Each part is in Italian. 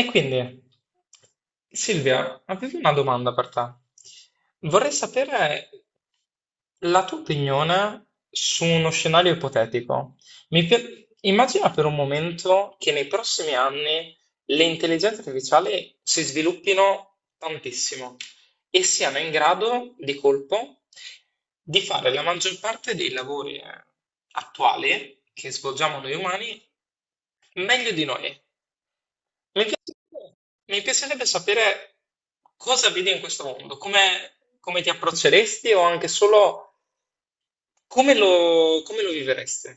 E quindi, Silvia, avevo una domanda per te. Vorrei sapere la tua opinione su uno scenario ipotetico. Immagina per un momento che nei prossimi anni le intelligenze artificiali si sviluppino tantissimo e siano in grado di colpo di fare la maggior parte dei lavori attuali che svolgiamo noi umani meglio di noi. Mi piacerebbe, mi piacerebbe sapere cosa vedi in questo mondo, come ti approcceresti o anche solo come lo viveresti.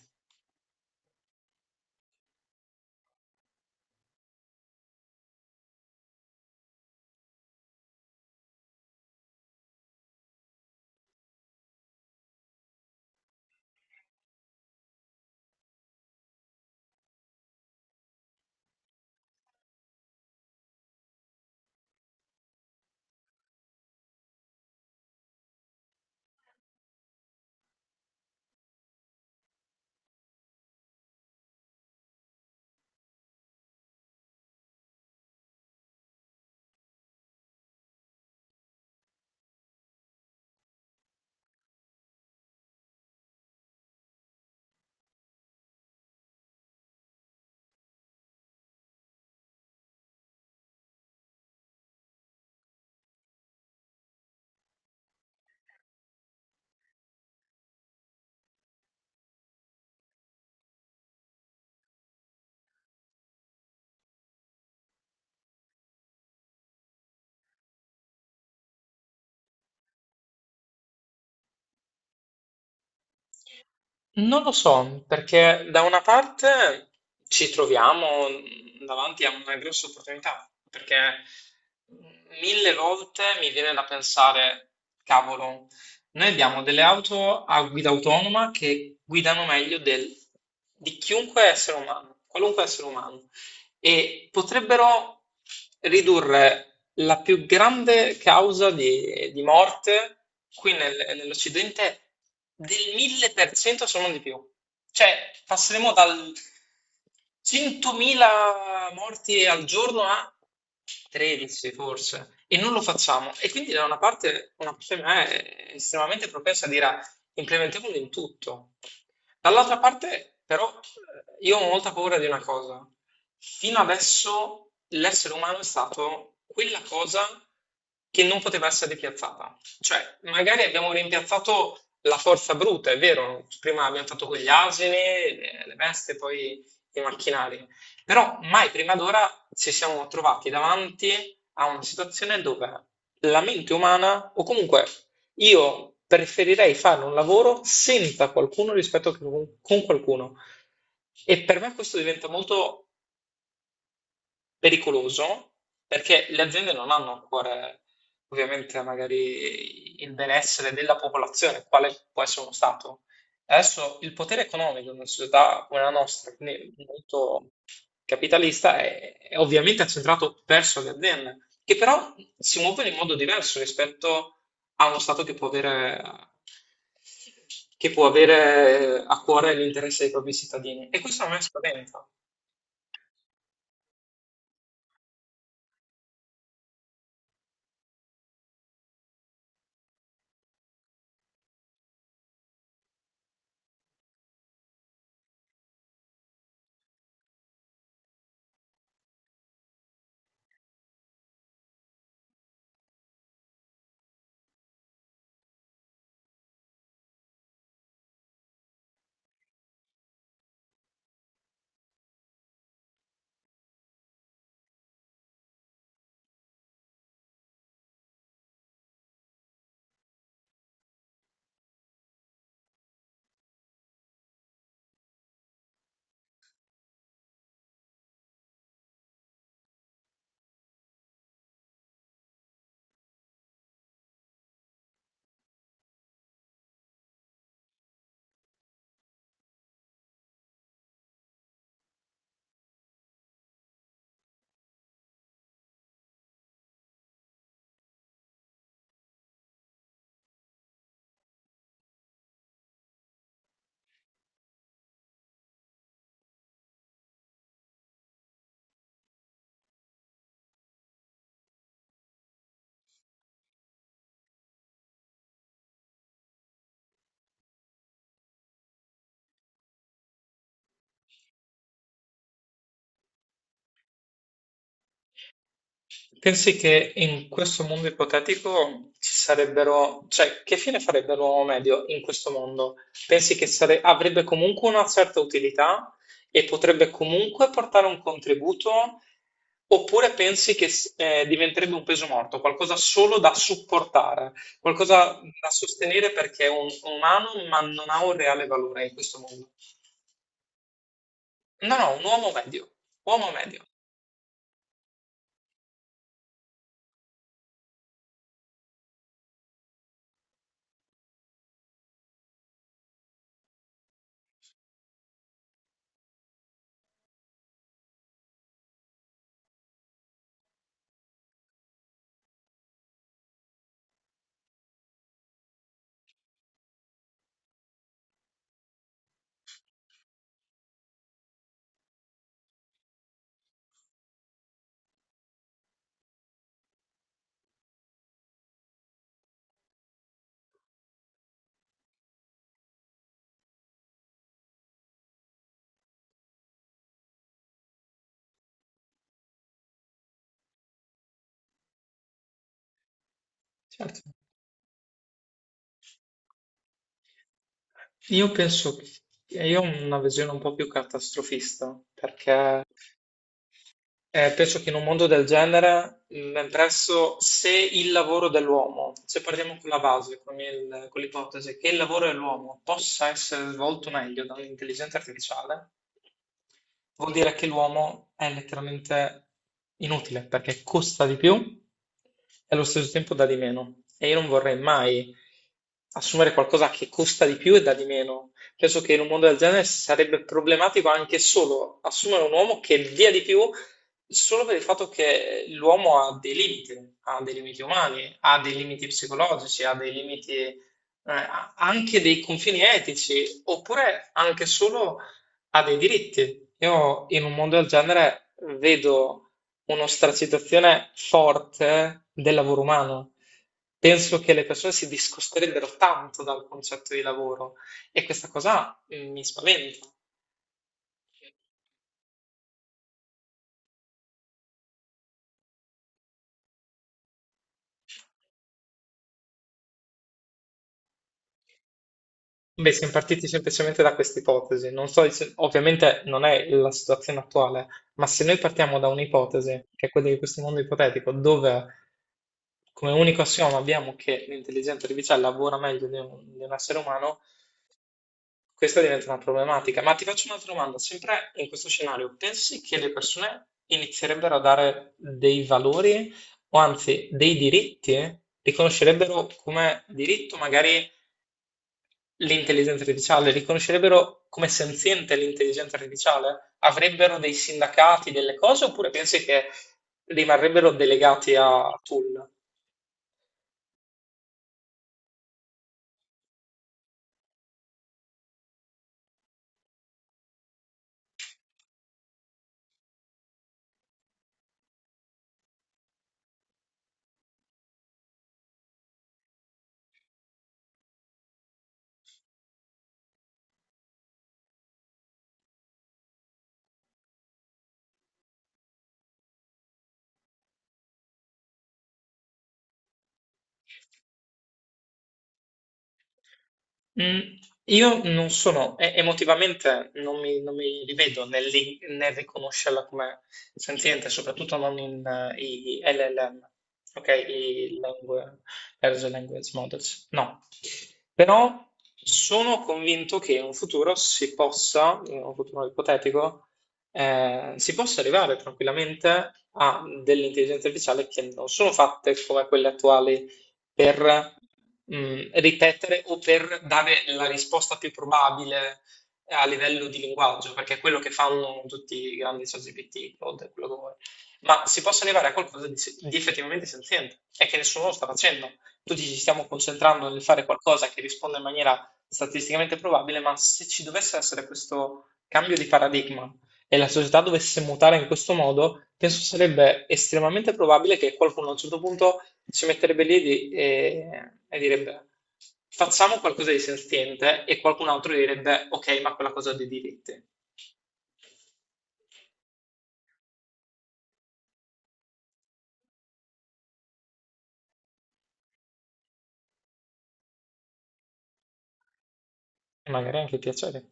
Non lo so, perché da una parte ci troviamo davanti a una grossa opportunità, perché mille volte mi viene da pensare, cavolo, noi abbiamo delle auto a guida autonoma che guidano meglio di chiunque essere umano, qualunque essere umano. E potrebbero ridurre la più grande causa di morte qui nell'Occidente del 1000%, se non di più. Cioè, passeremo dal 100.000 morti al giorno a 13 forse, e non lo facciamo. E quindi da una parte di me è estremamente propensa a dire: "Ah, implementiamolo in tutto." Dall'altra parte, però, io ho molta paura di una cosa. Fino adesso l'essere umano è stato quella cosa che non poteva essere rimpiazzata. Cioè, magari abbiamo rimpiazzato la forza bruta, è vero, prima abbiamo fatto con gli asini, le veste, poi i macchinari, però mai prima d'ora ci siamo trovati davanti a una situazione dove la mente umana, o comunque io preferirei fare un lavoro senza qualcuno rispetto che con qualcuno. E per me questo diventa molto pericoloso, perché le aziende non hanno ancora ovviamente magari il benessere della popolazione, quale può essere uno Stato. Adesso il potere economico in una società come la nostra, quindi molto capitalista, è ovviamente accentrato verso le aziende, che però si muovono in modo diverso rispetto a uno Stato che può avere a cuore l'interesse dei propri cittadini. E questo a me spaventa. Pensi che in questo mondo ipotetico ci sarebbero, cioè, che fine farebbe l'uomo medio in questo mondo? Pensi che avrebbe comunque una certa utilità e potrebbe comunque portare un contributo? Oppure pensi che diventerebbe un peso morto, qualcosa solo da supportare, qualcosa da sostenere perché è un umano ma non ha un reale valore in questo mondo? No, no, un uomo medio, certo. Io penso, che io ho una visione un po' più catastrofista, perché penso che in un mondo del genere, presso se il lavoro dell'uomo, se partiamo con la base, con con l'ipotesi che il lavoro dell'uomo possa essere svolto meglio dall'intelligenza artificiale, vuol dire che l'uomo è letteralmente inutile, perché costa di più e allo stesso tempo dà di meno. E io non vorrei mai assumere qualcosa che costa di più e dà di meno. Penso che in un mondo del genere sarebbe problematico anche solo assumere un uomo che dia di più. Solo per il fatto che l'uomo ha dei limiti umani, ha dei limiti psicologici, ha dei limiti, ha anche dei confini etici, oppure anche solo ha dei diritti. Io in un mondo del genere vedo un'ostracitazione forte del lavoro umano. Penso che le persone si discosterebbero tanto dal concetto di lavoro e questa cosa mi spaventa. Beh, siamo partiti semplicemente da questa ipotesi. Non so, ovviamente non è la situazione attuale, ma se noi partiamo da un'ipotesi, che è quella di questo mondo ipotetico, dove come unico assioma abbiamo che l'intelligenza artificiale lavora meglio di un essere umano, questa diventa una problematica. Ma ti faccio un'altra domanda, sempre in questo scenario: pensi che le persone inizierebbero a dare dei valori o anzi dei diritti? Riconoscerebbero come diritto magari l'intelligenza artificiale, riconoscerebbero come senziente l'intelligenza artificiale? Avrebbero dei sindacati, delle cose, oppure pensi che rimarrebbero delegati a tool? Mm, io non sono, emotivamente non mi rivedo nel, nel riconoscerla come senziente, soprattutto non in i LLM, ok? Large Language Models, no. Però sono convinto che in un futuro si possa, in un futuro ipotetico, si possa arrivare tranquillamente a delle intelligenze artificiali che non sono fatte come quelle attuali per ripetere o per dare la risposta più probabile a livello di linguaggio, perché è quello che fanno tutti i grandi ChatGPT, Claude, quello che vuoi. Ma si possa arrivare a qualcosa di, di effettivamente senziente, e che nessuno lo sta facendo. Tutti ci stiamo concentrando nel fare qualcosa che risponda in maniera statisticamente probabile, ma se ci dovesse essere questo cambio di paradigma e la società dovesse mutare in questo modo, penso sarebbe estremamente probabile che qualcuno a un certo punto si metterebbe lì e direbbe: facciamo qualcosa di sentiente e qualcun altro direbbe ok, ma quella cosa ha dei diritti. E magari anche piacere,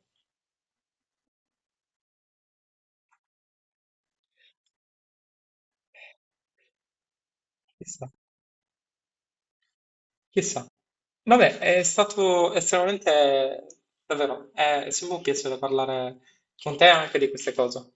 chissà, chissà. Vabbè, è stato estremamente, davvero, è sempre un piacere parlare con te anche di queste cose.